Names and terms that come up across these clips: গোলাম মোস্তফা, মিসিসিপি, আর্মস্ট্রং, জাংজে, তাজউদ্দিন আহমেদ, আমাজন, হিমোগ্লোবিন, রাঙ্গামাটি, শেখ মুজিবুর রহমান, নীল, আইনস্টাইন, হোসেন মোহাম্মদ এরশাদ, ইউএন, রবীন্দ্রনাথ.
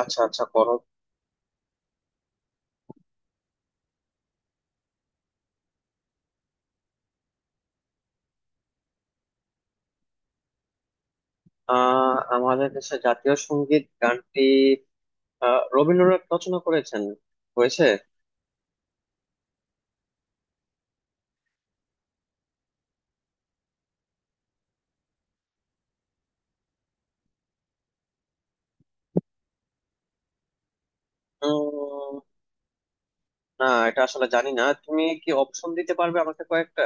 আচ্ছা, আচ্ছা করো। আমাদের দেশে জাতীয় সঙ্গীত গানটি রবীন্দ্রনাথ রচনা করেছেন, হয়েছে। উম, না, এটা আসলে জানি না। তুমি কি অপশন দিতে পারবে আমাকে কয়েকটা?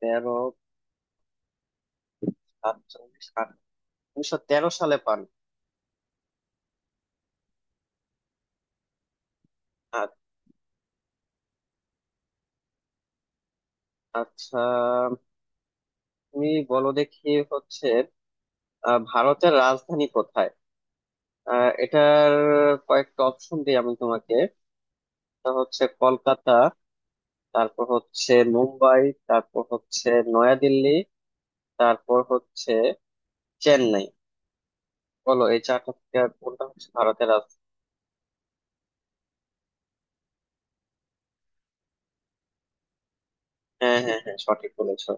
তেরো, সাতচল্লিশ, আট, 1913 সালে পান। আ- আচ্ছা, তুমি বলো দেখি হচ্ছে ভারতের রাজধানী কোথায়? এটার কয়েকটা অপশন দিই আমি তোমাকে। এটা হচ্ছে কলকাতা, তারপর হচ্ছে মুম্বাই, তারপর হচ্ছে নয়াদিল্লি, তারপর হচ্ছে চেন্নাই। বলো এই চারটা থেকে আর কোনটা হচ্ছে ভারতের রাজধানী। হ্যাঁ, হ্যাঁ, হ্যাঁ, সঠিক বলেছো।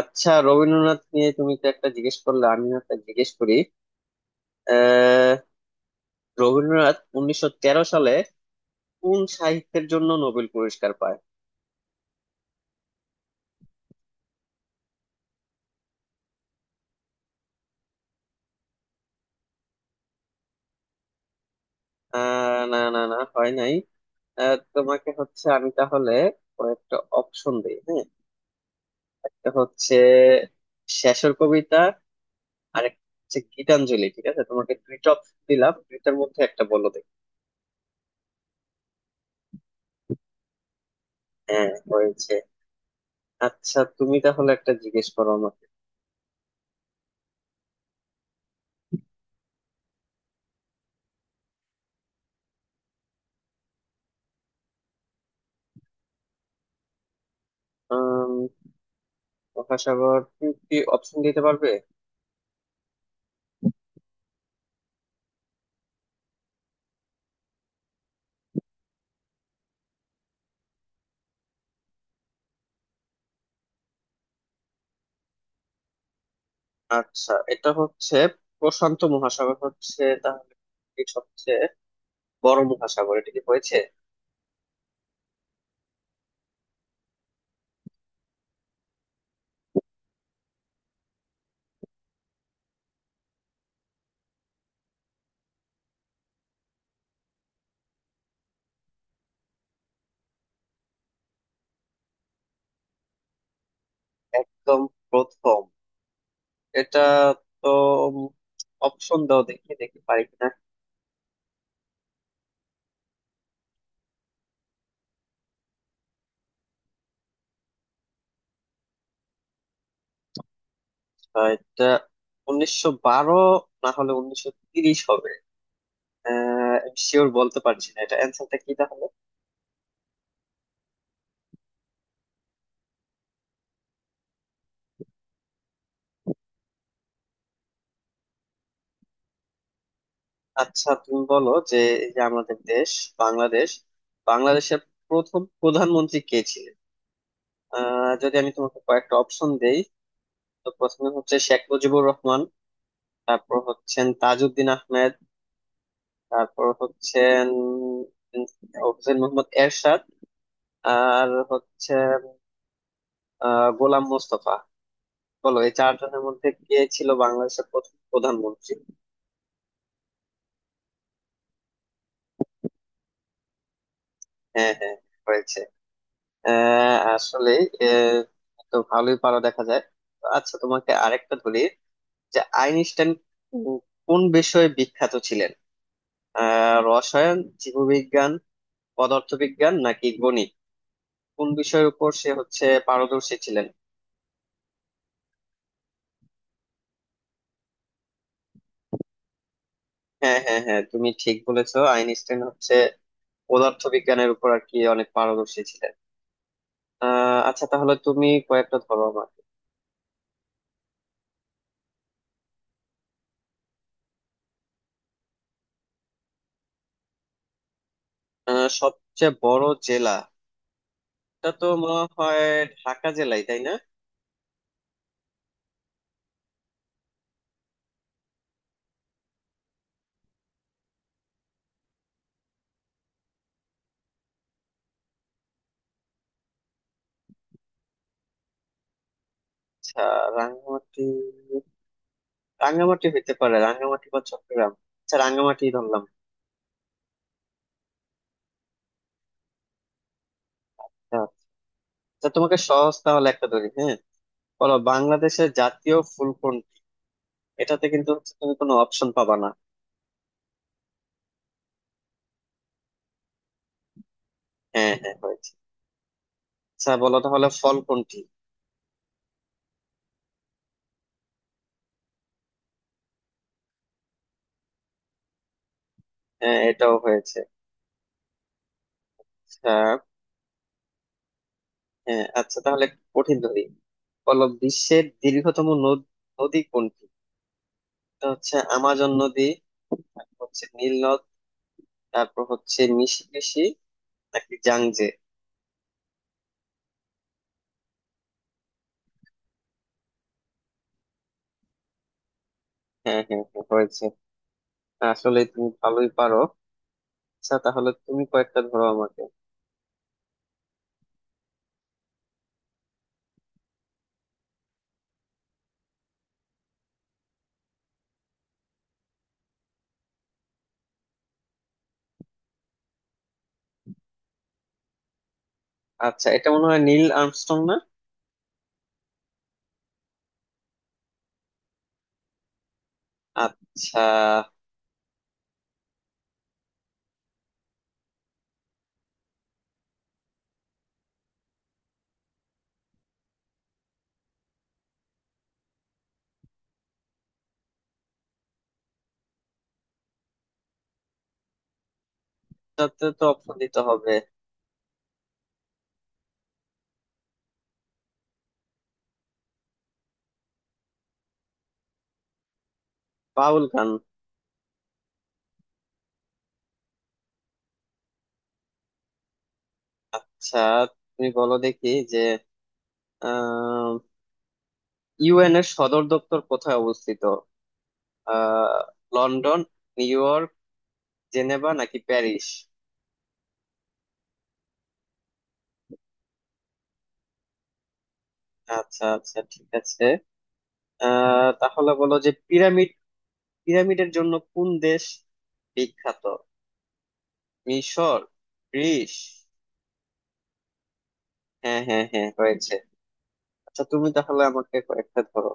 আচ্ছা, রবীন্দ্রনাথ নিয়ে তুমি তো একটা জিজ্ঞেস করলে, আমিও একটা জিজ্ঞেস করি। আহ রবীন্দ্রনাথ 1913 সালে কোন সাহিত্যের জন্য নোবেল পুরস্কার পায়? না, না, না, হয় নাই। তোমাকে হচ্ছে আমি তাহলে কয়েকটা অপশন দিই, হ্যাঁ। একটা হচ্ছে শেষের কবিতা, আর একটা হচ্ছে গীতাঞ্জলি। ঠিক আছে, তোমাকে দুইটা অপশন দিলাম, দুইটার মধ্যে একটা বলো। হ্যাঁ, হয়েছে। আচ্ছা, তুমি তাহলে একটা জিজ্ঞেস করো আমাকে। আম, মহাসাগর, তুমি কি অপশন দিতে পারবে? আচ্ছা, এটা হচ্ছে প্রশান্ত মহাসাগর হচ্ছে তাহলে পৃথিবীর সবচেয়ে বড় মহাসাগর, এটা কি হয়েছে? একদম প্রথম এটা তো, অপশন দাও দেখি, দেখি পারি কিনা। এটা 1912 না হলে 1930 হবে। আহ শিওর বলতে পারছি না, এটা অ্যান্সারটা কি তাহলে? আচ্ছা, তুমি বলো যে এই যে আমাদের দেশ বাংলাদেশ, বাংলাদেশের প্রথম প্রধানমন্ত্রী কে ছিলেন? যদি আমি তোমাকে কয়েকটা অপশন দেই, তো প্রথমে হচ্ছে শেখ মুজিবুর রহমান, তারপর হচ্ছেন তাজউদ্দিন আহমেদ, তারপর হচ্ছেন উম, হোসেন মোহাম্মদ এরশাদ, আর হচ্ছে গোলাম মোস্তফা। বলো এই চারজনের মধ্যে কে ছিল বাংলাদেশের প্রথম প্রধানমন্ত্রী। হ্যাঁ, হ্যাঁ, হয়েছে। আসলে আহ, তো ভালোই পারো দেখা যায়। তো আচ্ছা, তোমাকে আরেকটা বলি যে আইনস্টাইন কোন বিষয়ে বিখ্যাত ছিলেন? রসায়ন, জীববিজ্ঞান, পদার্থবিজ্ঞান নাকি গণিত? কোন বিষয়ের উপর সে হচ্ছে পারদর্শী ছিলেন? হ্যাঁ, হ্যাঁ, হ্যাঁ, তুমি ঠিক বলেছো। আইনস্টাইন হচ্ছে পদার্থবিজ্ঞানের উপর আর কি অনেক পারদর্শী ছিলেন। আচ্ছা, তাহলে তুমি কয়েকটা ধরো আমাকে। সবচেয়ে বড় জেলা, এটা তো মনে হয় ঢাকা জেলাই, তাই না? আচ্ছা, রাঙ্গামাটি, রাঙ্গামাটি হইতে পারে, রাঙ্গামাটি বা চট্টগ্রাম। আচ্ছা, রাঙ্গামাটি ধরলাম। হ্যাঁ, আচ্ছা, তোমাকে সহজ তাহলে একটা ধরি, হ্যাঁ। বলো বাংলাদেশের জাতীয় ফুল কোনটি। এটাতে কিন্তু হচ্ছে তুমি কোনো অপশন পাবা না। হ্যাঁ, হ্যাঁ, হয়েছে। আচ্ছা, বলো তাহলে ফল কোনটি। হ্যাঁ, এটাও হয়েছে। আচ্ছা। হ্যাঁ, আচ্ছা, তাহলে একটু কঠিন ধরি। বলো বিশ্বের দীর্ঘতম নদী কোনটি। এটা হচ্ছে আমাজন নদী, তারপর হচ্ছে নীল নদ, তারপর হচ্ছে মিসিসিপি নাকি জাংজে। হ্যাঁ, হ্যাঁ, হ্যাঁ, হয়েছে। আসলে তুমি ভালোই পারো। আচ্ছা, তাহলে তুমি কয়েকটা ধরো আমাকে। আচ্ছা, এটা মনে হয় নীল আর্মস্ট্রং, না? আচ্ছা, তাতে তো অপশন দিতে হবে। বাউল গান। আচ্ছা, তুমি বলো দেখি যে আহ ইউএন এর সদর দপ্তর কোথায় অবস্থিত? আহ লন্ডন, নিউ ইয়র্ক, জেনেভা নাকি প্যারিস? আচ্ছা, আচ্ছা, ঠিক আছে। তাহলে বলো যে পিরামিড, পিরামিডের জন্য কোন দেশ বিখ্যাত? মিশর, গ্রিস? হ্যাঁ, হ্যাঁ, হ্যাঁ, হয়েছে। আচ্ছা, তুমি তাহলে আমাকে কয়েকটা ধরো।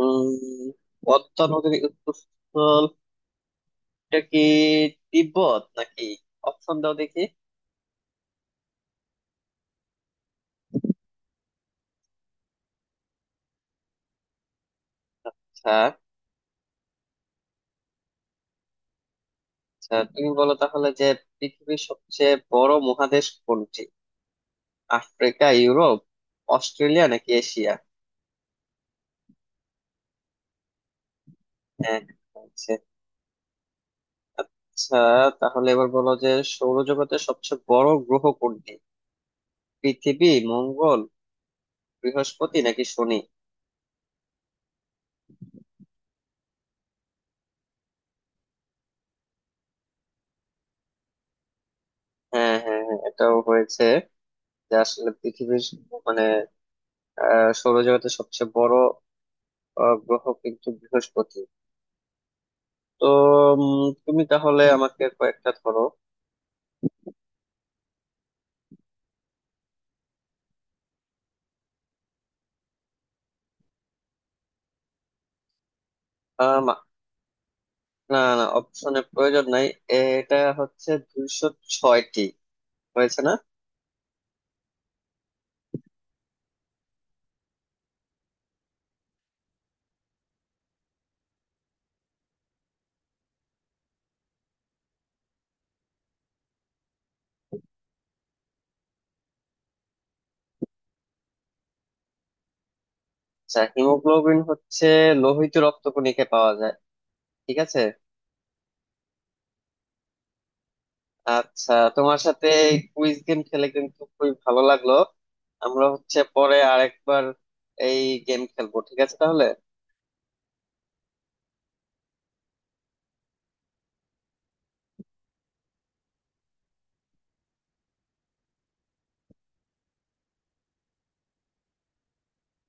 উম পদ্মা নদীর উৎপস্থলটা কি তিব্বত নাকি? অপশন দাও দেখি। আচ্ছা। আচ্ছা, তুমি বলো তাহলে যে পৃথিবীর সবচেয়ে বড় মহাদেশ কোনটি? আফ্রিকা, ইউরোপ, অস্ট্রেলিয়া নাকি এশিয়া? হ্যাঁ, আচ্ছা। আচ্ছা, তাহলে এবার বলো যে সৌরজগতের সবচেয়ে বড় গ্রহ কোনটি? পৃথিবী, মঙ্গল, বৃহস্পতি নাকি শনি? হ্যাঁ, হ্যাঁ, হ্যাঁ, এটাও হয়েছে। যে আসলে পৃথিবীর মানে সৌরজগতের সবচেয়ে বড় গ্রহ কিন্তু বৃহস্পতি। তো তুমি তাহলে আমাকে কয়েকটা ধরো। আম, না, না, অপশনের প্রয়োজন নাই। এটা হচ্ছে 206টি, হয়েছে না? আচ্ছা, হিমোগ্লোবিন হচ্ছে লোহিত রক্তকণিকে পাওয়া যায়, ঠিক আছে। আচ্ছা, তোমার সাথে কুইজ গেম খেলে কিন্তু খুবই ভালো লাগলো। আমরা হচ্ছে পরে আরেকবার এই গেম খেলবো, ঠিক আছে তাহলে।